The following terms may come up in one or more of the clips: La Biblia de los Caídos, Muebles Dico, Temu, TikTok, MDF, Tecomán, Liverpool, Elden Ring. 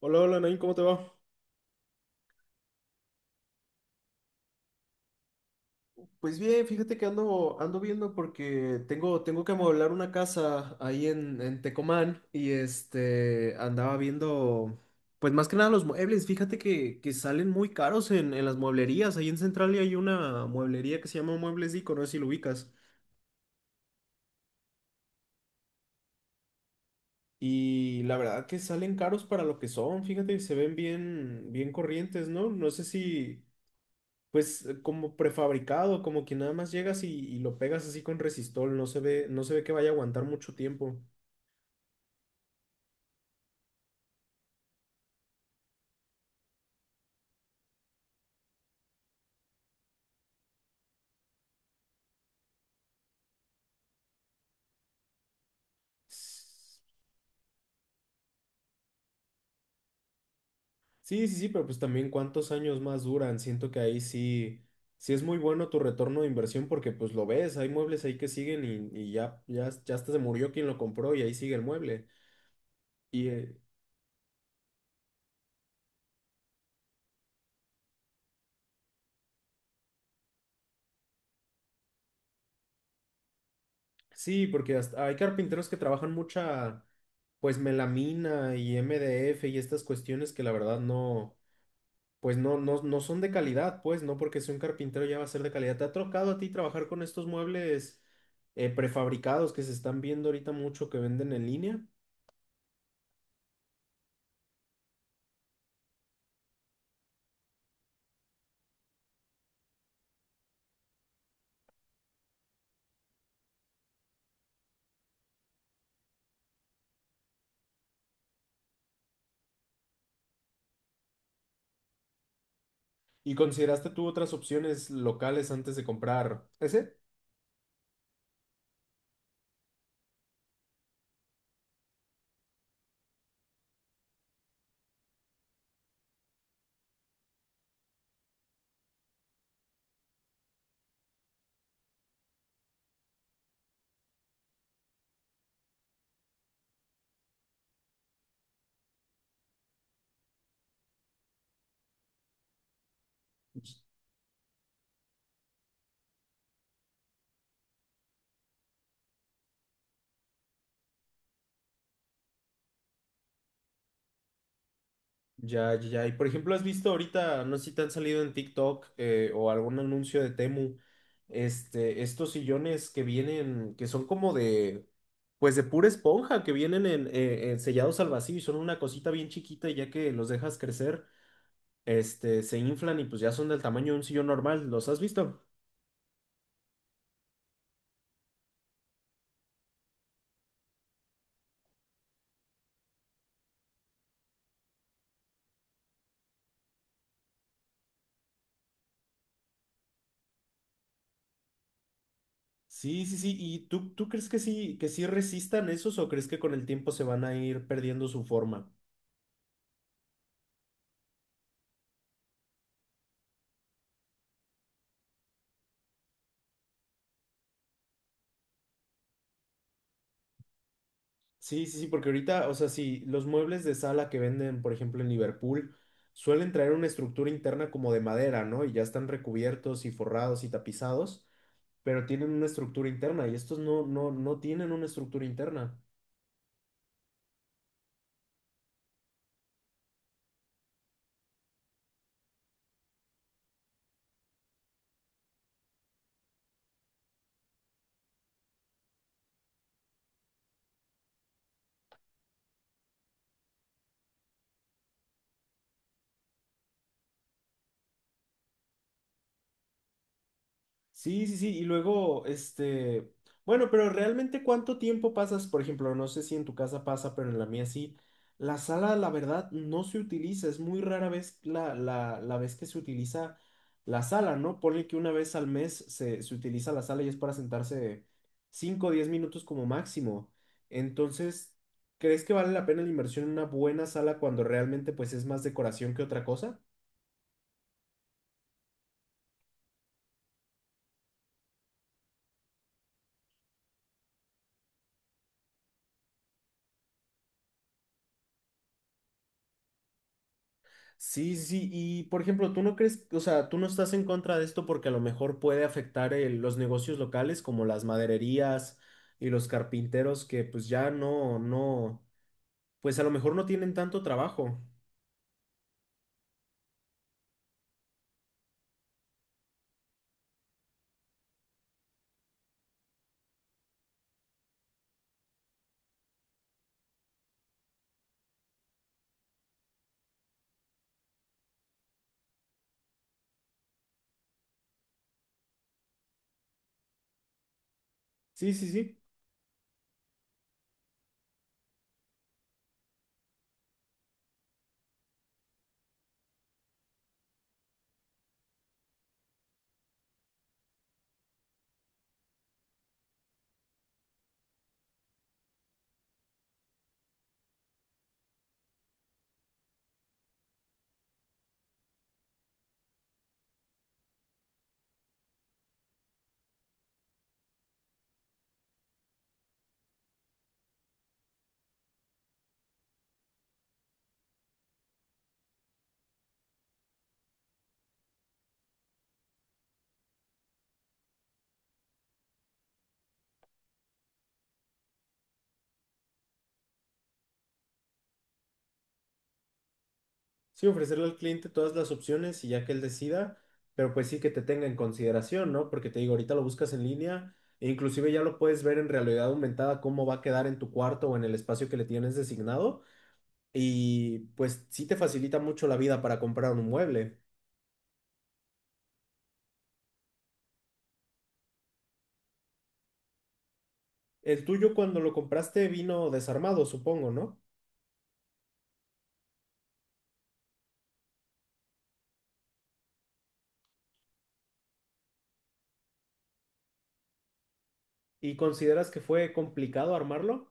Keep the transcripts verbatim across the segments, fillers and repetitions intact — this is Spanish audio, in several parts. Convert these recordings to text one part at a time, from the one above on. Hola, hola, Nain, ¿cómo te va? Pues bien, fíjate que ando, ando viendo porque tengo, tengo que amueblar una casa ahí en, en Tecomán y este andaba viendo, pues más que nada los muebles, fíjate que, que salen muy caros en, en las mueblerías, ahí en Central hay una mueblería que se llama Muebles Dico, no sé si lo ubicas, y la verdad que salen caros para lo que son, fíjate, se ven bien, bien corrientes, ¿no? No sé si, pues eh, como prefabricado, como que nada más llegas y, y lo pegas así con resistol, no se ve, no se ve que vaya a aguantar mucho tiempo. S- Sí, sí, sí, pero pues también cuántos años más duran. Siento que ahí sí, sí es muy bueno tu retorno de inversión porque pues lo ves, hay muebles ahí que siguen y, y ya, ya, ya hasta se murió quien lo compró y ahí sigue el mueble. Y eh, sí, porque hasta hay carpinteros que trabajan mucha, pues melamina y M D F y estas cuestiones que la verdad no. Pues no, no, no son de calidad, pues no porque sea un carpintero ya va a ser de calidad. ¿Te ha tocado a ti trabajar con estos muebles eh, prefabricados que se están viendo ahorita mucho que venden en línea? ¿Y consideraste tú otras opciones locales antes de comprar ese? Ya, ya, ya. Y por ejemplo, ¿has visto ahorita, no sé si te han salido en TikTok eh, o algún anuncio de Temu, este, estos sillones que vienen, que son como de, pues de pura esponja, que vienen en, eh, en sellados al vacío y son una cosita bien chiquita y ya que los dejas crecer. Este, se inflan y pues ya son del tamaño de un sillón normal. ¿Los has visto? Sí, sí, sí. ¿Y tú, tú crees que sí, que sí resistan esos o crees que con el tiempo se van a ir perdiendo su forma? Sí, sí, sí, porque ahorita, o sea, sí, los muebles de sala que venden, por ejemplo, en Liverpool, suelen traer una estructura interna como de madera, ¿no? Y ya están recubiertos y forrados y tapizados, pero tienen una estructura interna y estos no, no, no tienen una estructura interna. Sí, sí, sí, y luego, este, bueno, pero realmente cuánto tiempo pasas, por ejemplo, no sé si en tu casa pasa, pero en la mía sí, la sala, la verdad, no se utiliza, es muy rara vez la, la, la vez que se utiliza la sala, ¿no? Ponle que una vez al mes se, se utiliza la sala y es para sentarse cinco o diez minutos como máximo. Entonces, ¿crees que vale la pena la inversión en una buena sala cuando realmente pues es más decoración que otra cosa? Sí, sí, sí, y por ejemplo, ¿tú no crees, o sea, tú no estás en contra de esto porque a lo mejor puede afectar el- los negocios locales como las madererías y los carpinteros que pues ya no, no, pues a lo mejor no tienen tanto trabajo. Sí, sí, sí, sí, ofrecerle al cliente todas las opciones y ya que él decida, pero pues sí que te tenga en consideración, ¿no? Porque te digo, ahorita lo buscas en línea e inclusive ya lo puedes ver en realidad aumentada cómo va a quedar en tu cuarto o en el espacio que le tienes designado. Y pues sí te facilita mucho la vida para comprar un mueble. El tuyo cuando lo compraste vino desarmado, supongo, ¿no? ¿Y consideras que fue complicado armarlo?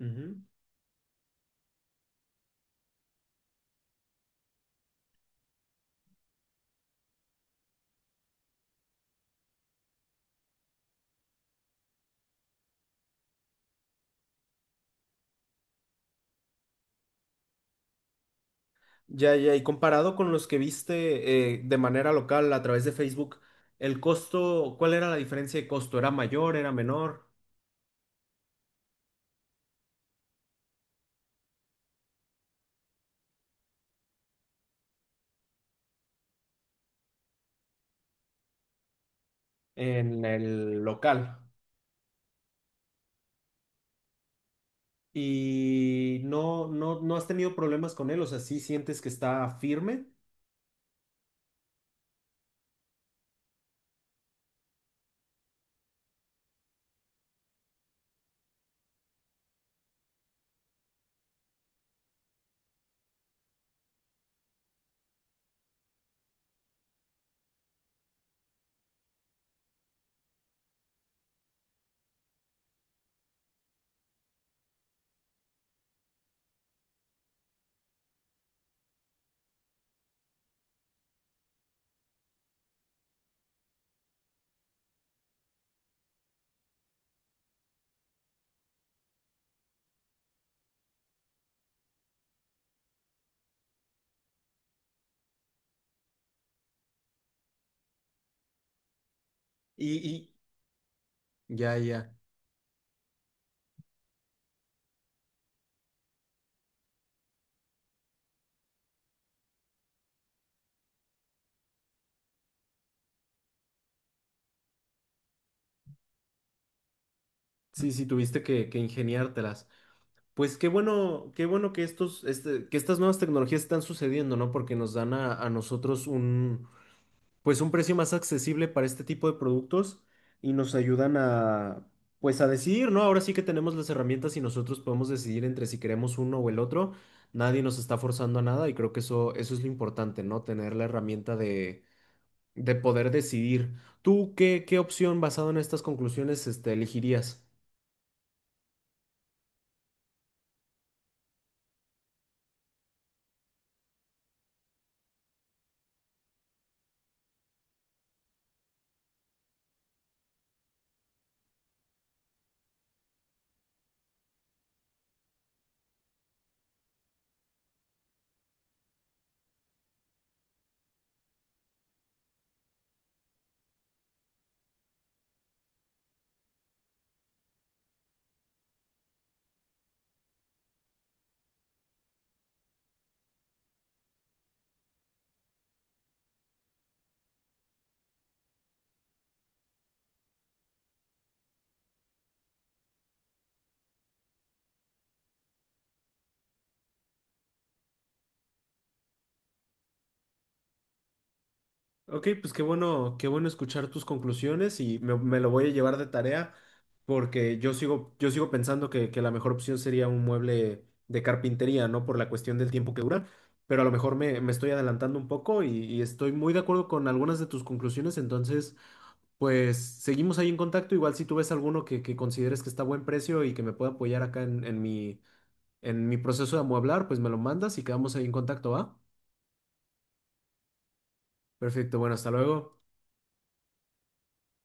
Ujú. Ya, ya, y comparado con los que viste eh, de manera local a través de Facebook, el costo, ¿cuál era la diferencia de costo? ¿Era mayor, era menor en el local? Y no, no, no has tenido problemas con él, o sea, sí sientes que está firme y, y- ya, ya. Sí, sí, tuviste que, que ingeniártelas. Pues qué bueno, qué bueno que estos, este, que estas nuevas tecnologías están sucediendo, ¿no? Porque nos dan a, a nosotros un, pues un precio más accesible para este tipo de productos y nos ayudan a, pues a decidir, ¿no? Ahora sí que tenemos las herramientas y nosotros podemos decidir entre si queremos uno o el otro. Nadie nos está forzando a nada y creo que eso, eso es lo importante, ¿no? Tener la herramienta de, de poder decidir. ¿Tú qué, qué opción basado en estas conclusiones, este, elegirías? Ok, pues qué bueno, qué bueno escuchar tus conclusiones y me, me lo voy a llevar de tarea porque yo sigo, yo sigo pensando que, que la mejor opción sería un mueble de carpintería, ¿no? Por la cuestión del tiempo que dura, pero a lo mejor me, me estoy adelantando un poco y, y estoy muy de acuerdo con algunas de tus conclusiones, entonces pues seguimos ahí en contacto, igual si tú ves alguno que, que consideres que está a buen precio y que me pueda apoyar acá en, en mi, en mi proceso de amueblar, pues me lo mandas y quedamos ahí en contacto, ¿va? Perfecto, bueno, hasta luego.